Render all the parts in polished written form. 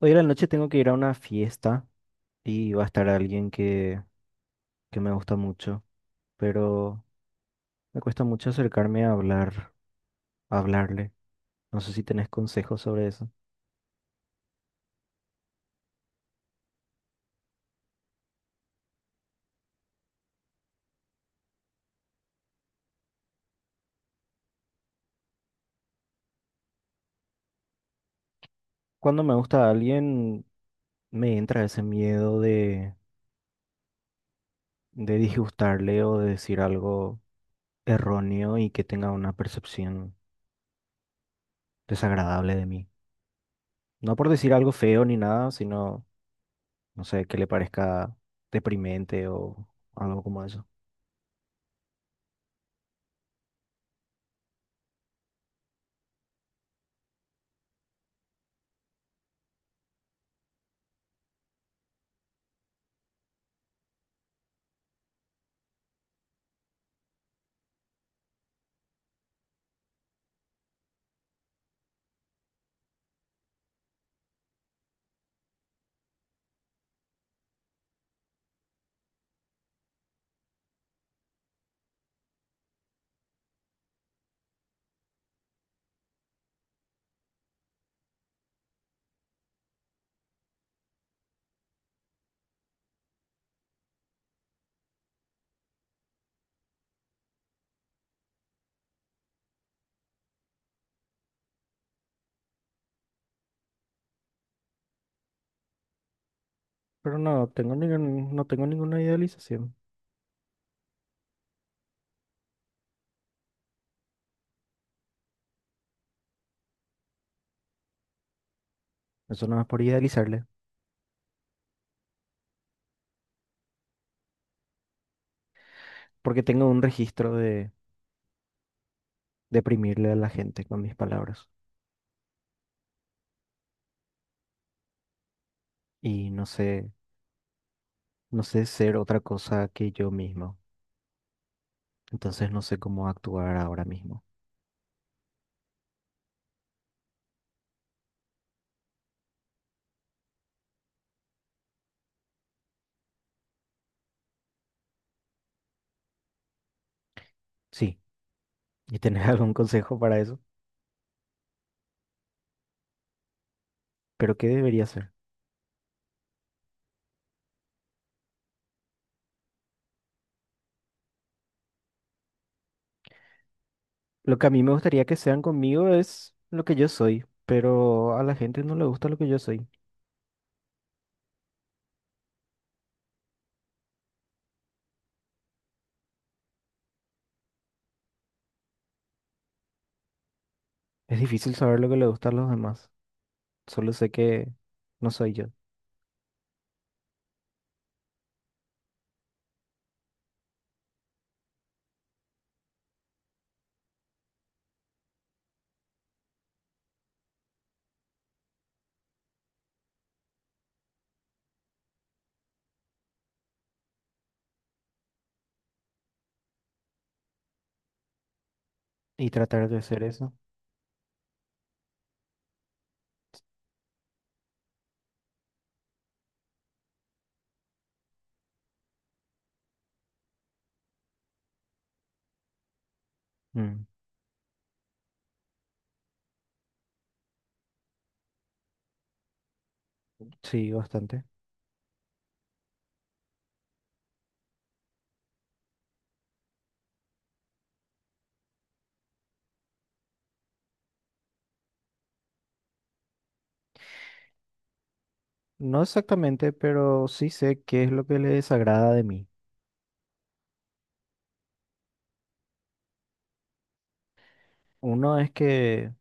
Hoy a la noche tengo que ir a una fiesta y va a estar alguien que me gusta mucho, pero me cuesta mucho acercarme a hablar, a hablarle. No sé si tenés consejos sobre eso. Cuando me gusta a alguien, me entra ese miedo de disgustarle o de decir algo erróneo y que tenga una percepción desagradable de mí. No por decir algo feo ni nada, sino, no sé, que le parezca deprimente o algo como eso. Pero no tengo ninguna idealización. Eso no es por idealizarle, porque tengo un registro de deprimirle a la gente con mis palabras. Y no sé, no sé ser otra cosa que yo mismo. Entonces no sé cómo actuar ahora mismo. Sí, y tener algún consejo para eso. Pero ¿qué debería hacer? Lo que a mí me gustaría que sean conmigo es lo que yo soy, pero a la gente no le gusta lo que yo soy. Es difícil saber lo que le gusta a los demás. Solo sé que no soy yo. Y tratar de hacer eso. Mm. Sí, bastante. No exactamente, pero sí sé qué es lo que le desagrada de mí. Uno es que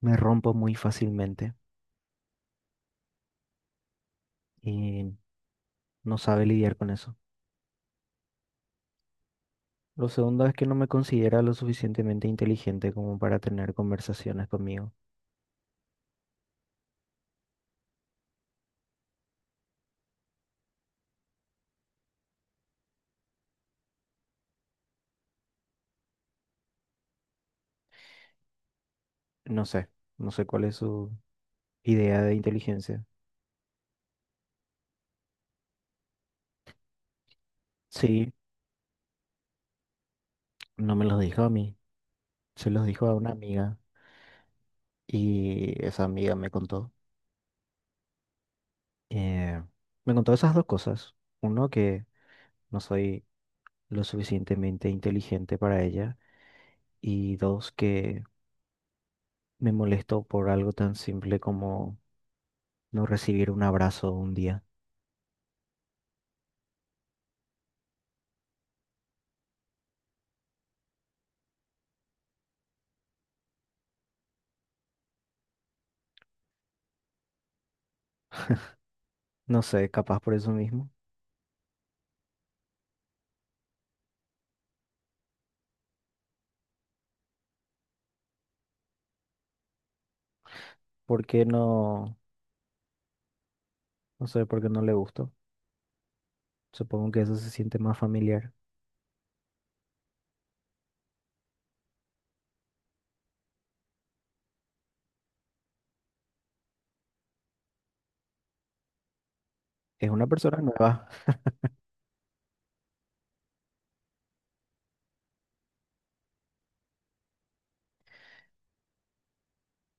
me rompo muy fácilmente y no sabe lidiar con eso. Lo segundo es que no me considera lo suficientemente inteligente como para tener conversaciones conmigo. No sé, no sé cuál es su idea de inteligencia. Sí, no me los dijo a mí, se los dijo a una amiga y esa amiga me contó. eh, Me contó esas dos cosas. Uno, que no soy lo suficientemente inteligente para ella y dos, que me molesto por algo tan simple como no recibir un abrazo un día. No sé, capaz por eso mismo. ¿Por qué no? No sé, por qué no le gustó. Supongo que eso se siente más familiar. Es una persona nueva.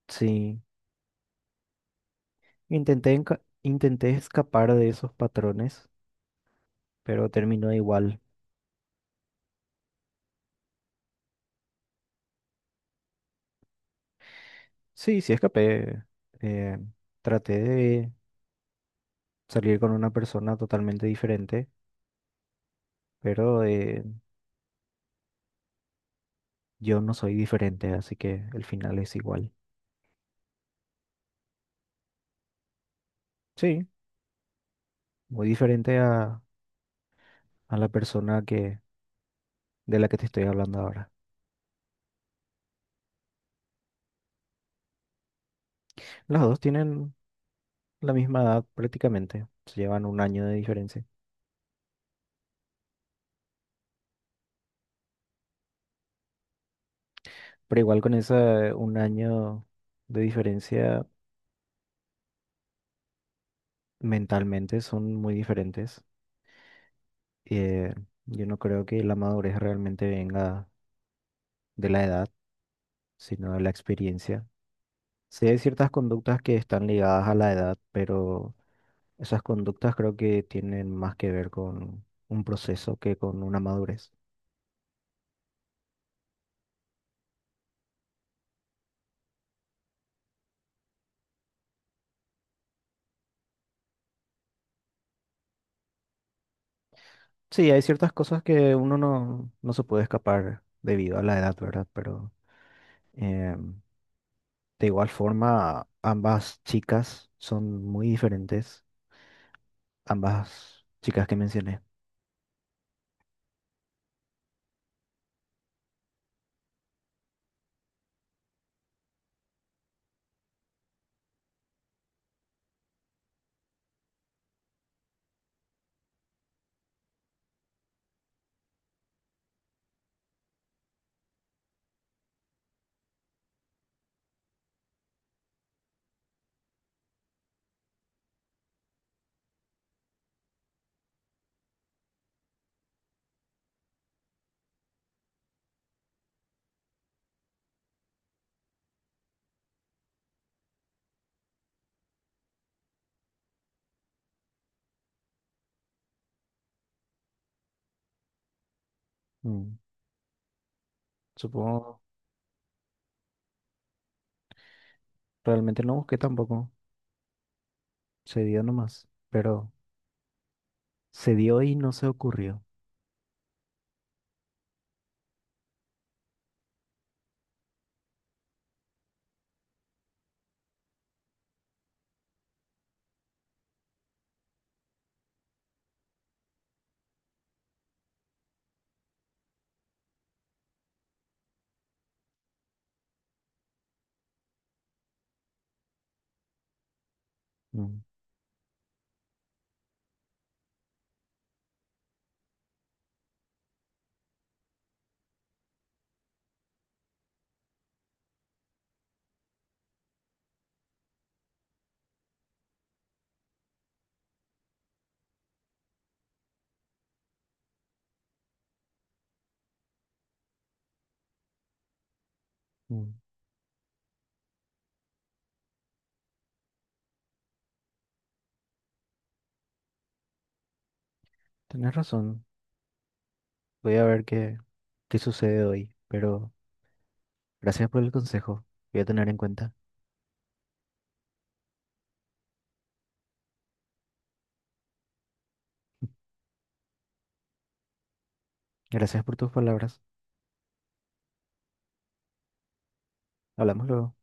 Sí, intenté, intenté escapar de esos patrones, pero terminó igual. Sí, sí escapé. Eh, Traté de salir con una persona totalmente diferente, pero yo no soy diferente, así que el final es igual. Sí, muy diferente a la persona de la que te estoy hablando ahora. Las dos tienen la misma edad prácticamente, se llevan un año de diferencia, pero igual con ese un año de diferencia mentalmente son muy diferentes. Eh, yo no creo que la madurez realmente venga de la edad, sino de la experiencia. Sí hay ciertas conductas que están ligadas a la edad, pero esas conductas creo que tienen más que ver con un proceso que con una madurez. Sí, hay ciertas cosas que uno no, no se puede escapar debido a la edad, ¿verdad? Pero eh, de igual forma, ambas chicas son muy diferentes, ambas chicas que mencioné. Mm. Supongo, realmente no busqué tampoco, se dio nomás, pero se dio y no se ocurrió. Mm. Mm. Tenés razón, voy a ver qué sucede hoy, pero. Gracias por el consejo. Voy a tener en cuenta. Gracias por tus palabras. Hablamos luego.